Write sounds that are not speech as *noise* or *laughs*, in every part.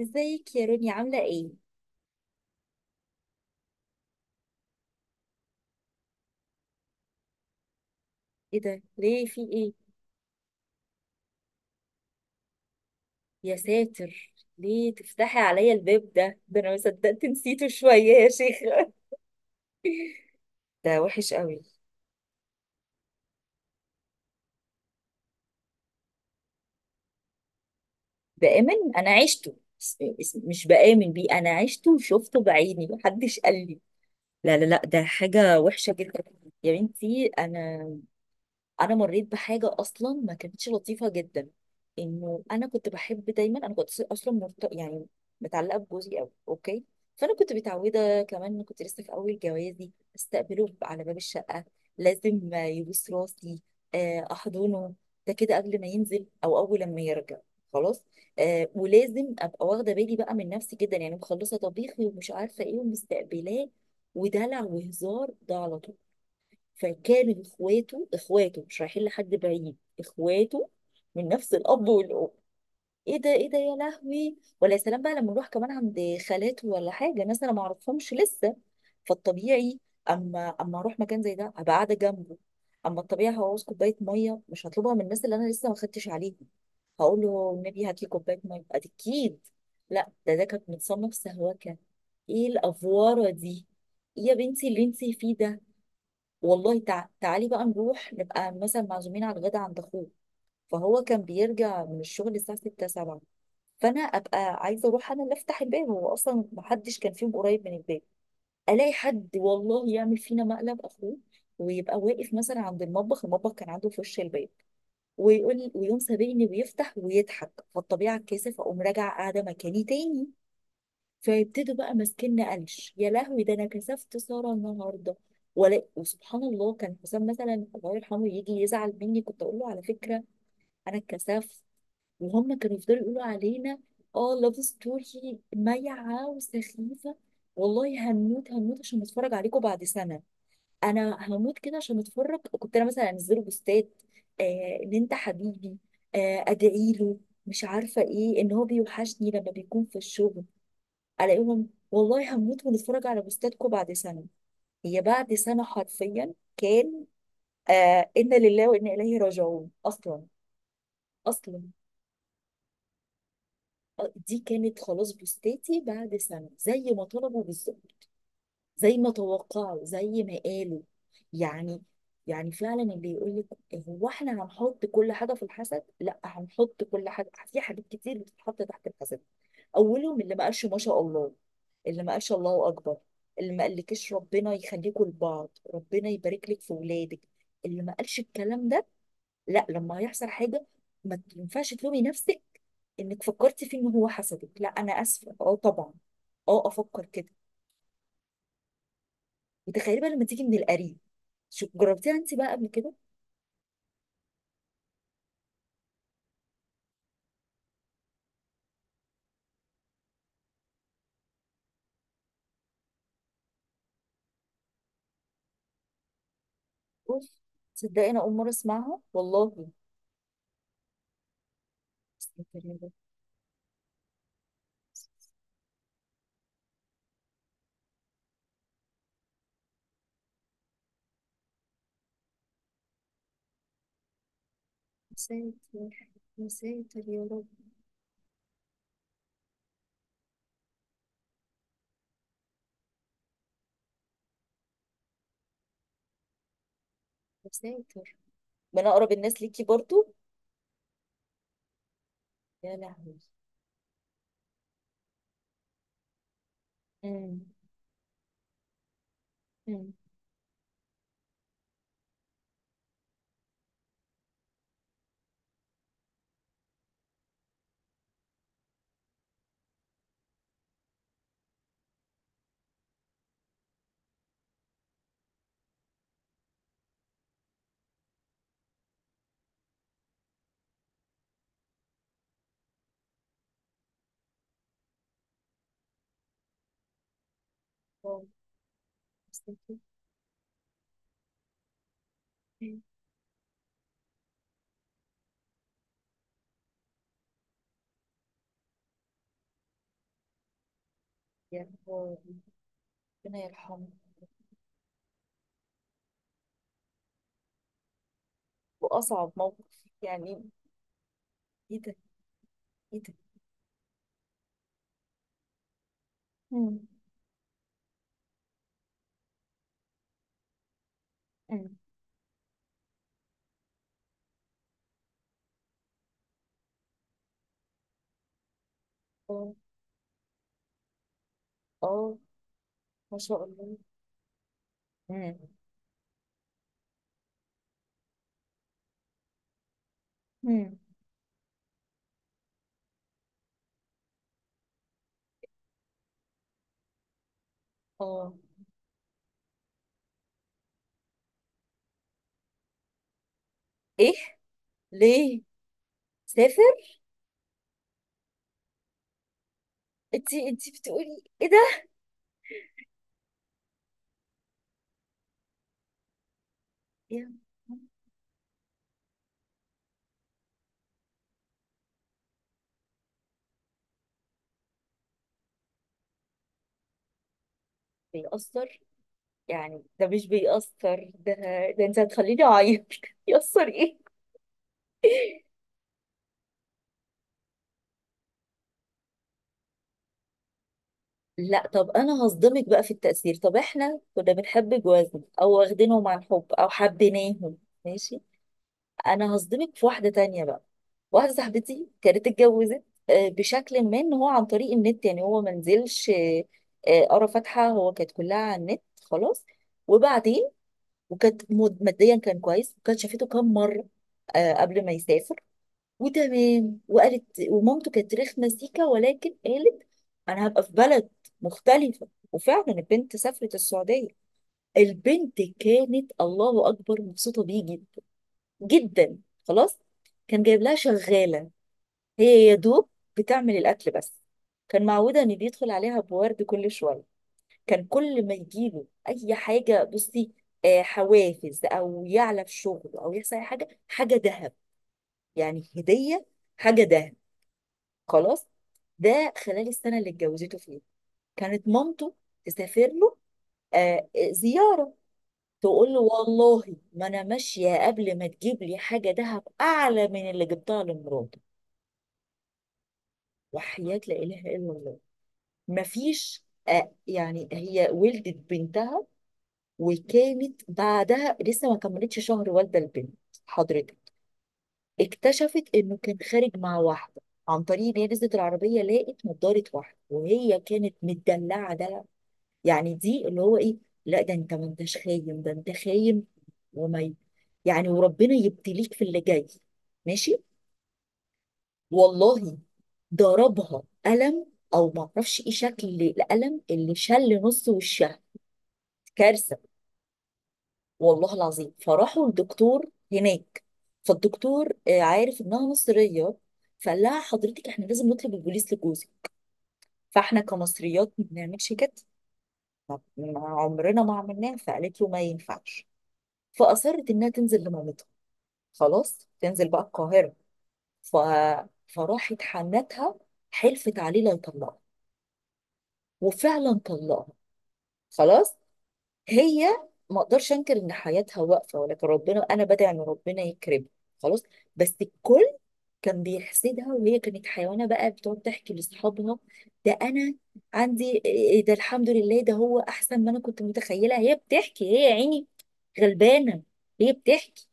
ازيك يا روني؟ عاملة ايه؟ ايه ده؟ ليه؟ في ايه؟ يا ساتر ليه تفتحي عليا الباب ده؟ ده انا ما صدقت نسيته شوية يا شيخة. *laughs* ده وحش قوي. بآمن، انا عشته، مش بآمن بيه، انا عشته وشفته بعيني محدش قال لي. لا لا لا، ده حاجة وحشة جدا. يا بنتي انا انا مريت بحاجه اصلا ما كانتش لطيفه جدا. انه انا كنت بحب دايما، انا كنت اصلا يعني متعلقه بجوزي قوي، اوكي. فانا كنت متعوده، كمان كنت لسه في اول جوازي، استقبله على باب الشقه، لازم يبوس راسي، احضنه. ده كده قبل ما ينزل او اول لما يرجع، خلاص. ولازم ابقى واخده بالي بقى من نفسي جدا، يعني مخلصه طبيخي ومش عارفه ايه، ومستقبلاه ودلع وهزار ده على طول. فكانوا اخواته، اخواته مش رايحين لحد بعيد، اخواته من نفس الاب والام. ايه ده ايه ده يا لهوي؟ ولا يا سلام بقى لما نروح كمان عند خالاته ولا حاجه، ناس انا ما اعرفهمش لسه. فالطبيعي، اما اروح مكان زي ده ابقى قاعده جنبه. اما الطبيعي هعوز كوبايه ميه، مش هطلبها من الناس اللي انا لسه ما خدتش عليهم، هقول له النبي هات لي كوبايه ميه اكيد. لا، ده كانت متصنف سهوكه. ايه الافواره دي؟ إيه يا بنتي اللي انتي فيه ده؟ والله تعالي بقى نروح نبقى مثلا معزومين على الغدا عند اخوه. فهو كان بيرجع من الشغل الساعه 6 7. فانا ابقى عايزه اروح انا اللي افتح الباب، هو اصلا ما حدش كان فيهم قريب من الباب، الاقي حد والله يعمل فينا مقلب اخوه، ويبقى واقف مثلا عند المطبخ، المطبخ كان عنده في وش الباب، ويقوم سابقني ويفتح ويضحك. فالطبيعه الكاسف اقوم راجعه قاعده مكاني تاني. فيبتدوا بقى ماسكيننا قلش، يا لهوي ده انا كسفت ساره النهارده. ولا وسبحان الله، كان حسام مثلا الله يرحمه يجي يزعل مني كنت اقول له على فكره انا اتكسفت، وهم كانوا يفضلوا يقولوا علينا اه لاف ستوري مايعه وسخيفه. والله هموت هموت عشان اتفرج عليكم بعد سنه، انا هموت كده عشان اتفرج. كنت انا مثلا انزله بوستات، آه ان انت حبيبي، آه ادعي له، مش عارفه ايه، ان هو بيوحشني لما بيكون في الشغل. الاقيهم والله هموت ونتفرج على بوستاتكم بعد سنه. هي بعد سنه حرفيا كان، آه انا لله وانا اليه راجعون اصلا. اصلا، آه، دي كانت خلاص بوستاتي بعد سنه زي ما طلبوا بالظبط، زي ما توقعوا، زي ما قالوا. يعني يعني فعلا اللي يقول لك هو احنا هنحط كل حاجه في الحسد، لا، هنحط كل حاجه، في حاجات كتير بتتحط تحت الحسد. اولهم اللي ما قالش ما شاء الله، اللي ما قالش الله اكبر، اللي ما قالكش ربنا يخليكوا لبعض، ربنا يبارك لك في ولادك، اللي ما قالش الكلام ده. لا، لما هيحصل حاجه ما ينفعش تلومي نفسك انك فكرتي فيه ان هو حسدك، لا، انا اسفه، اه طبعا، اه افكر كده. وتخيلي بقى لما تيجي من القريب. شو جربتيها انت بقى قبل كده؟ اوف، تصدقي انا اول مره اسمعها والله. مساتر يا رب. مساتر يا رب. مساتر. من اقرب الناس ليكي برضو؟ يا لهوي. امم امم واو. مستنكر. يا هو. ربنا يرحمه. واصعب موقف يعني. ايه ده؟ ايه ده؟ امم امم اه. آه، ما شاء الله. امم امم اه. ايه؟ ليه؟ سافر؟ انتي انتي بتقولي ايه ده؟ يا لهوي. بيأثر، يعني ده مش بيأثر ده؟ ده انت هتخليني اعيط *laughs* يأثر. ايه. لا طب انا هصدمك بقى في التأثير. طب احنا كنا بنحب جوازنا او واخدينهم عن حب او حبيناهم، ماشي. انا هصدمك في واحدة تانية بقى. واحدة صاحبتي كانت اتجوزت، آه، بشكل ما ان هو عن طريق النت، يعني هو ما نزلش، قرا فاتحة، هو كانت كلها على النت، خلاص. وبعدين وكانت ماديا كان كويس، وكانت شافته كام مرة، آه، قبل ما يسافر. وتمام، وقالت ومامته كانت رخمه سيكا، ولكن قالت انا هبقى في بلد مختلفه. وفعلا البنت سافرت السعوديه، البنت كانت الله اكبر مبسوطه بيه جدا جدا، خلاص. كان جايب لها شغاله، هي يا دوب بتعمل الاكل بس. كان معوده ان بيدخل عليها بورد كل شويه، كان كل ما يجيله اي حاجه، بصي، آه، حوافز او يعلى في شغله او يحصل اي حاجه، حاجه ذهب، يعني هديه، حاجه ذهب، خلاص. ده خلال السنه اللي اتجوزته فيها، كانت مامته تسافر له آه زياره، تقول له والله ما انا ماشيه قبل ما تجيب لي حاجه دهب اعلى من اللي جبتها لمراتي. وحياه لا اله الا الله. مفيش، يعني هي ولدت بنتها، وكانت بعدها لسه ما كملتش شهر والده البنت، حضرتك، اكتشفت انه كان خارج مع واحده، عن طريق ان هي نزلت العربيه لقت نضاره واحده، وهي كانت مدلعه دلع يعني دي، اللي هو ايه، لا ده انت ما انتش خاين، ده انت خاين. وما ي- يعني وربنا يبتليك في اللي جاي، ماشي والله. ضربها قلم، او ما اعرفش ايه شكل القلم اللي شل نص وشها، كارثه. والله العظيم فراحوا الدكتور هناك، فالدكتور آه، عارف انها مصريه، فقال لها حضرتك احنا لازم نطلب البوليس لجوزي. فاحنا كمصريات ما بنعملش كده، طب ما عمرنا ما عملناه، فقالت له ما ينفعش. فأصرت إنها تنزل لمامتها، خلاص تنزل بقى القاهرة. ف... فراحت حنتها حلفت عليه لا يطلقها، وفعلا طلقها، خلاص. هي ما اقدرش انكر ان حياتها واقفه، ولكن ربنا انا بدعي ان ربنا يكرمها، خلاص. بس الكل كان بيحسدها، وهي كانت حيوانه بقى بتقعد تحكي لاصحابها ده انا عندي إيه إيه، ده الحمد لله، ده هو احسن ما انا كنت متخيله. هي بتحكي هي، يا عيني غلبانه، هي بتحكي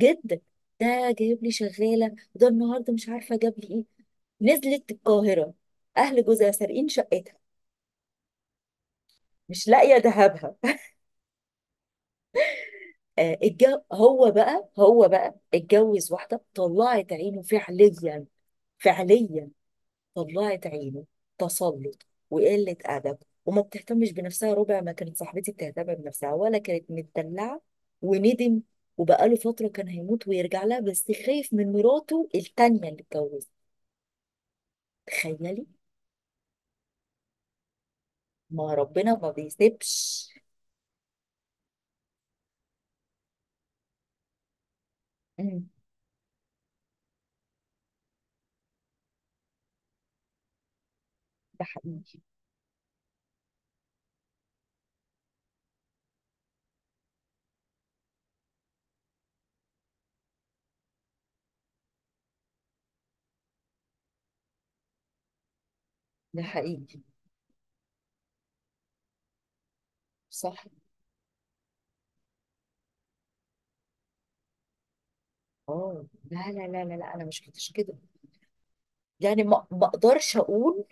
جدا ده جايب لي شغاله، وده النهارده مش عارفه جاب لي ايه. نزلت القاهره، اهل جوزها سارقين شقتها، مش لاقيه ذهبها. *laughs* آه الجو، هو بقى هو بقى اتجوز واحده طلعت عينه فعليا، فعليا طلعت عينه، تسلط وقله ادب، وما بتهتمش بنفسها ربع ما كانت صاحبتي بتهتم بنفسها، ولا كانت متدلعه. وندم، وبقاله فتره كان هيموت ويرجع لها، بس خايف من مراته التانيه اللي اتجوزها. تخيلي، ما ربنا ما بيسيبش. مم. ده حقيقي. ده حقيقي. صح. اه. لا لا لا لا لا، انا مش كنتش كده. يعني ما ما اقدرش اقول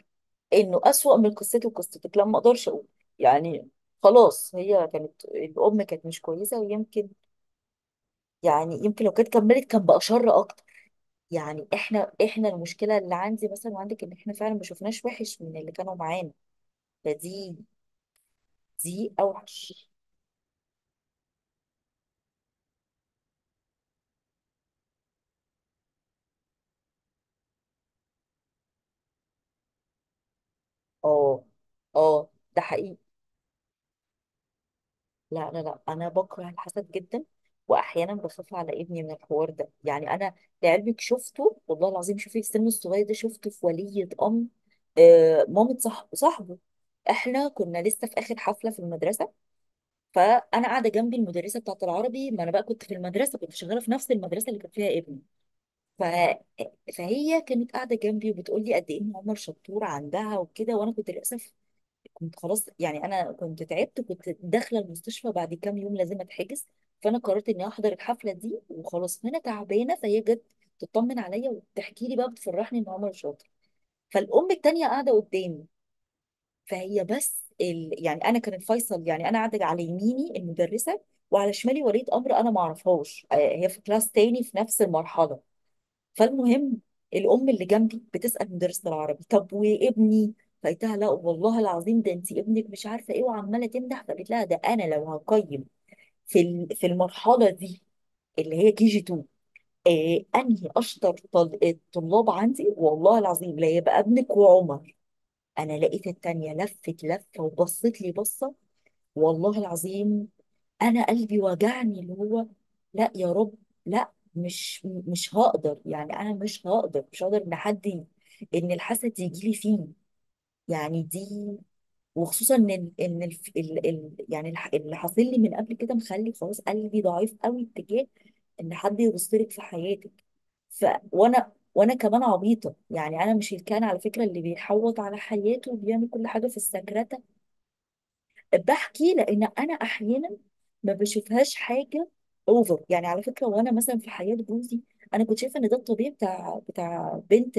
انه اسوأ من قصتي وقصتك، لا ما اقدرش اقول يعني. خلاص هي كانت الام كانت مش كويسه، ويمكن يعني يمكن لو كانت كملت كان بقى شر اكتر. يعني احنا احنا المشكله اللي عندي مثلا وعندك ان احنا فعلا ما شفناش وحش من اللي كانوا معانا، فدي دي اوحش. اه اه، ده حقيقي. لا لا لا انا بكره الحسد جدا. واحيانا بخاف على ابني من الحوار ده، يعني انا لعلمك شفته والله العظيم، شوفي السن الصغير ده شفته في ولية امر، آه مامة صاحبه. احنا كنا لسه في اخر حفله في المدرسه، فانا قاعده جنبي المدرسه بتاعه العربي، ما انا بقى كنت في المدرسه، كنت شغاله في نفس المدرسه اللي كان فيها ابني. ف... فهي كانت قاعده جنبي وبتقول لي قد ايه ان عمر شطور عندها وكده، وانا كنت للاسف، كنت خلاص يعني انا كنت تعبت، كنت داخله المستشفى بعد كام يوم لازم اتحجز. فانا قررت اني احضر الحفله دي وخلاص، وانا تعبانه، فهي جت تطمن عليا وتحكي لي بقى بتفرحني ان عمر شاطر. فالام التانيه قاعده قدامي، فهي بس يعني انا كان الفيصل يعني، انا قاعده على يميني المدرسه، وعلى شمالي ولية امر انا ما اعرفهاش، آه، هي في كلاس تاني في نفس المرحله. فالمهم، الام اللي جنبي بتسال مدرسه العربي طب وابني؟ فقلتها لا والله العظيم، ده انت ابنك مش عارفه ايه، وعماله تمدح، فقالت لها ده انا لو هقيم في المرحله دي اللي هي كي جي 2، آه انهي اشطر الطلاب عندي، والله العظيم لا يبقى ابنك وعمر. انا لقيت التانية لفت لفه وبصت لي بصه، والله العظيم، انا قلبي وجعني اللي هو. لا يا رب، لا، مش مش هقدر يعني، انا مش هقدر مش هقدر ان ان الحسد يجي لي فيه، يعني دي. وخصوصا ان اللي حاصل لي من قبل كده مخلي خلاص قلبي ضعيف قوي اتجاه ان حد يبصلك في حياتك. ف وانا وانا كمان عبيطه يعني، انا مش الكائن على فكره اللي بيحوط على حياته وبيعمل كل حاجه في السكرة. بحكي لان انا احيانا ما بشوفهاش حاجه اوفر، يعني على فكره، وانا مثلا في حياه جوزي انا كنت شايفه ان ده الطبيعي، بتاع بنت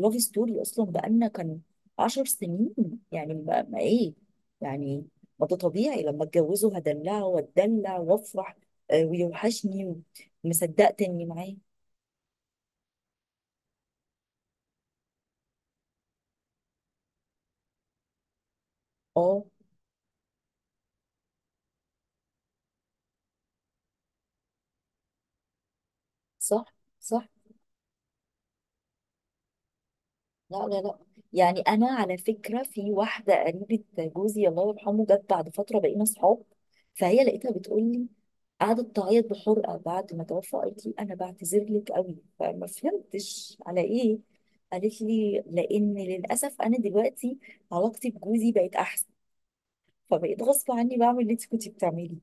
لاف ستوري، اصلا بقالنا كان 10 سنين. يعني ما ايه يعني، ما ده طبيعي لما اتجوزه هدلعه واتدلع وافرح، آه، ويوحشني، ومصدقت اني معاه. اه، صح صح. لا لا لا، يعني انا على فكره، في واحده قريبه جوزي الله يرحمه جت بعد فتره بقينا صحاب، فهي لقيتها بتقول لي، قعدت تعيط بحرقه بعد ما توفى، قالت لي انا بعتذر لك قوي، فما فهمتش على ايه، قالت لي لان للاسف انا دلوقتي علاقتي بجوزي بقت احسن، فبقيت غصب عني بعمل اللي انت كنتي بتعمليه،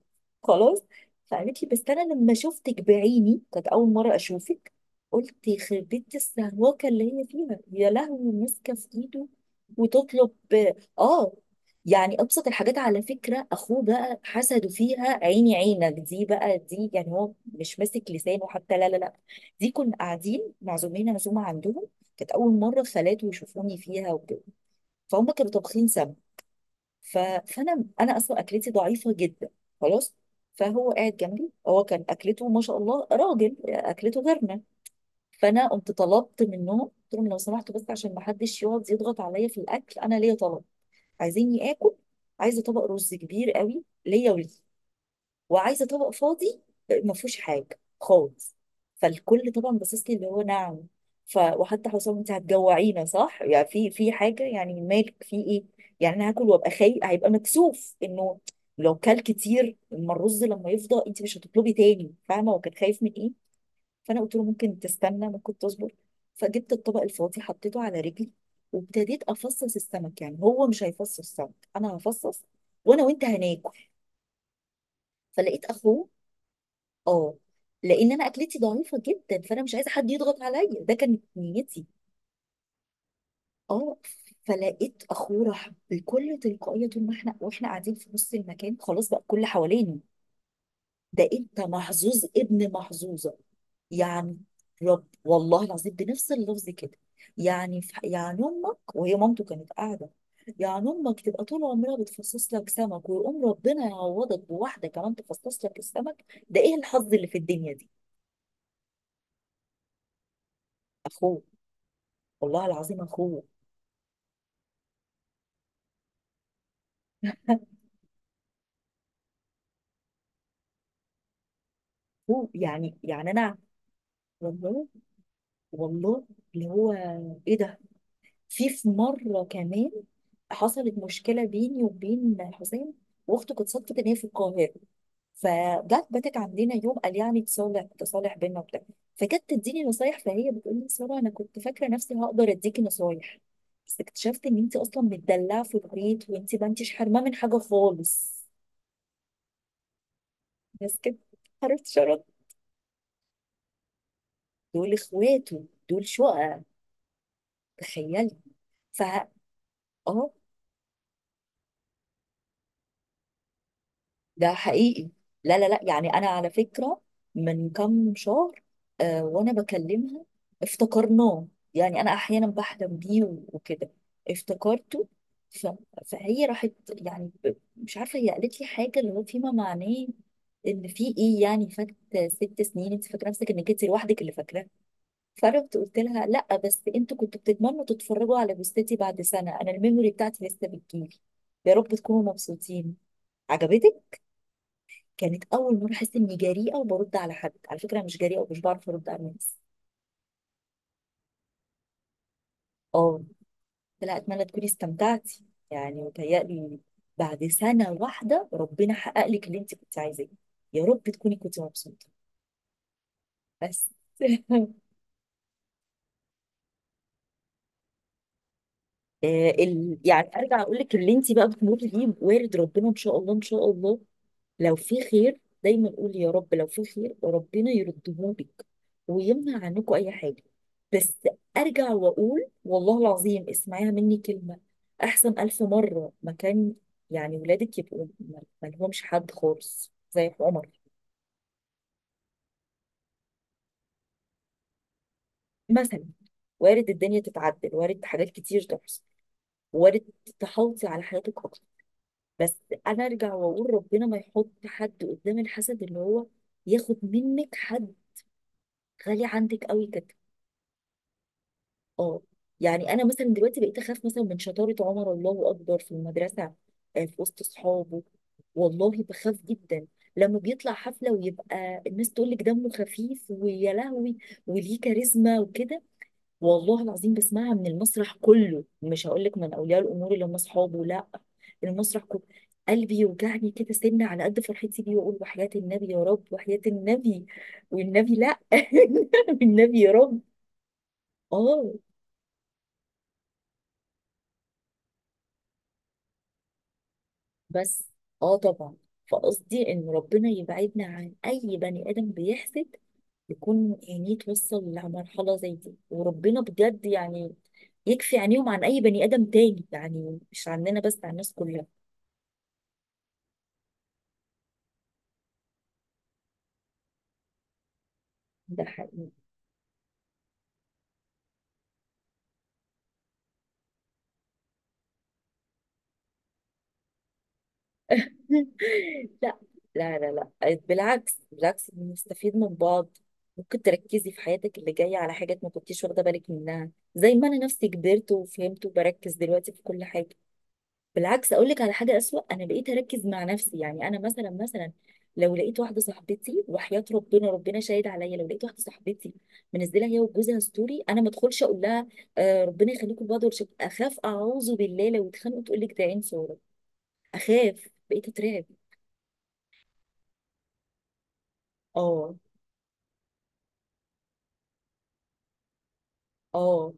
خلاص. فقالت لي بس انا لما شفتك بعيني كانت اول مره اشوفك، قلت يخرب بيت السهواكه اللي هي فيها، يا لهوي ماسكه في ايده وتطلب، اه، يعني ابسط الحاجات على فكره اخوه بقى حسده فيها عيني عينك دي بقى دي، يعني هو مش ماسك لسانه حتى، لا لا لا، دي كنا قاعدين معزومين عزومه عندهم، كانت اول مره خالاته يشوفوني فيها وكده، فهم كانوا طابخين سمك، ف... فانا اصلا اكلتي ضعيفه جدا. خلاص. فهو قاعد جنبي، هو كان اكلته ما شاء الله، راجل اكلته غيرنا. فانا قمت طلبت منهم، قلت لهم لو سمحتوا، بس عشان ما حدش يقعد يضغط عليا في الاكل، انا ليا طلب. عايزيني اكل؟ عايزه طبق رز كبير قوي ليا وليه، وعايزه طبق فاضي ما فيهوش حاجه خالص. فالكل طبعا باصص لي اللي هو نعم؟ وحتى حسام: انت هتجوعينا؟ صح يعني في حاجه؟ يعني مالك؟ في ايه؟ يعني انا هاكل وابقى خايف، هيبقى مكسوف انه لو كل كتير، اما الرز لما يفضى انت مش هتطلبي تاني، فاهمه؟ وكان خايف من ايه؟ فانا قلت له ممكن تستنى، ممكن تصبر. فجبت الطبق الفاضي، حطيته على رجلي، وابتديت افصص السمك. يعني هو مش هيفصص السمك، انا هفصص، وانا وانت هناكل. فلقيت اخوه. اه. لان انا اكلتي ضعيفه جدا، فانا مش عايزه حد يضغط عليا، ده كانت نيتي. اه. فلقيت اخوه راح بكل تلقائيه، طول ما احنا قاعدين في نص المكان، خلاص بقى كل حوالينا: ده انت محظوظ ابن محظوظه. يعني والله العظيم بنفس اللفظ كده. يعني يعني امك، وهي مامته كانت قاعده، يعني امك تبقى طول عمرها بتفصص لك سمك، ويقوم ربنا يعوضك بواحده كمان تفصص لك السمك، ده ايه الحظ اللي في الدنيا دي؟ اخوه، والله العظيم اخوه. هو يعني انا، والله والله اللي هو ايه ده. في مره كمان حصلت مشكله بيني وبين حسين، واخته كانت صدفه ان هي في القاهره، فجت باتت عندنا يوم، قال يعني تصالح، بينا وبتاع. فكانت تديني نصايح، فهي بتقول لي: ساره، انا كنت فاكره نفسي هقدر اديكي نصايح، بس اكتشفت ان انت اصلا متدلعه في البيت، وانت ما انتش حرمه من حاجه خالص. بس كده، عرفت شرط. دول اخواته دول شقق، تخيلي. ف اه، ده حقيقي. لا لا لا، يعني انا على فكره من كام شهر آه، وانا بكلمها افتكرناه. يعني انا احيانا بحلم بيه وكده، افتكرته. ف... فهي راحت يعني مش عارفه، هي قالت لي حاجه اللي هو فيما معناه ان في ايه يعني فات 6 سنين، انت فاكره نفسك انك انت لوحدك اللي فاكره. فرحت قلت لها: لا، بس انتوا كنتوا بتتمنوا تتفرجوا على جثتي، بعد سنه انا الميموري بتاعتي لسه بتجيلي. يا رب تكونوا مبسوطين، عجبتك؟ كانت اول مره احس اني جريئه وبرد على حد، على فكره انا مش جريئه ومش بعرف ارد على الناس. اه. قلت لها: اتمنى تكوني استمتعتي، يعني متهيألي بعد سنه واحده ربنا حقق لك اللي انت كنت عايزاه، يا رب تكوني كنت مبسوطه. بس. *laughs* آه، يعني ارجع اقول لك اللي انت بقى بتمر بيه وارد، ربنا ان شاء الله ان شاء الله. لو في خير دايما قول يا رب، لو في خير وربنا يردهولك ويمنع عنكم اي حاجه. بس ارجع واقول والله العظيم اسمعيها مني كلمه: احسن 1000 مره مكان، يعني ولادك يبقوا ما لهمش حد خالص زي عمر مثلا. وارد الدنيا تتعدل، وارد حاجات كتير تحصل، وارد. تحوطي على حياتك اكتر، بس. انا ارجع واقول ربنا ما يحط حد قدام الحسد، اللي هو ياخد منك حد غالي عندك قوي كده. اه. يعني انا مثلا دلوقتي بقيت اخاف مثلا من شطاره عمر، الله اكبر، في المدرسه، آه، في وسط اصحابه. والله بخاف جدا، لما بيطلع حفله ويبقى الناس تقول لك دمه خفيف، ويا لهوي وليه كاريزما وكده. والله العظيم بسمعها من المسرح كله، مش هقول لك من اولياء الامور اللي هم اصحابه، لا، المسرح كله. قلبي يوجعني كده سنة على قد فرحتي بيه، واقول وحياة النبي يا رب، وحياة النبي والنبي لا *laughs* والنبي يا رب. اه. بس. اه طبعا. فقصدي ان ربنا يبعدنا عن اي بني ادم بيحسد، يكون عينيه توصل لمرحله زي دي، وربنا بجد يعني يكفي عينيهم عن اي بني ادم تاني، يعني مش عننا بس، عن الناس كلها. ده حقيقي. *laughs* لا لا لا، لا بالعكس، بالعكس بنستفيد من بعض. ممكن تركزي في حياتك اللي جايه على حاجات ما كنتيش واخده بالك منها، زي ما انا نفسي كبرت وفهمت وبركز دلوقتي في كل حاجه. بالعكس اقول لك على حاجه اسوأ، انا بقيت اركز مع نفسي. يعني انا مثلا لو لقيت واحده صاحبتي، وحياه ربنا، ربنا شاهد عليا، لو لقيت واحده صاحبتي منزله هي وجوزها ستوري، انا ما ادخلش اقول لها آه ربنا يخليكم لبعض ولا شيء. اخاف، اعوذ بالله لو اتخانقوا تقول لك ده عين صوره. اخاف، بقيت اترعب. اه. اه.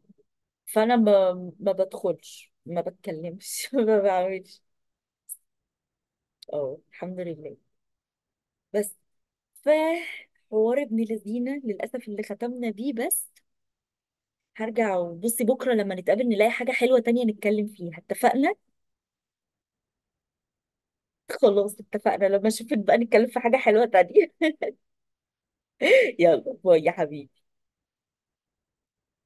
فانا ما بدخلش، ما بتكلمش *laughs* ما بعملش. اه الحمد لله. بس. ف حوار ابن لذينه للاسف اللي ختمنا بيه، بس هرجع وبصي بكرة لما نتقابل نلاقي حاجة حلوة تانية نتكلم فيها، اتفقنا؟ *laughs* خلاص اتفقنا، لما اشوفك بقى نتكلم في حاجة حلوة تانية. *laughs* يلا باي يا حبيبي.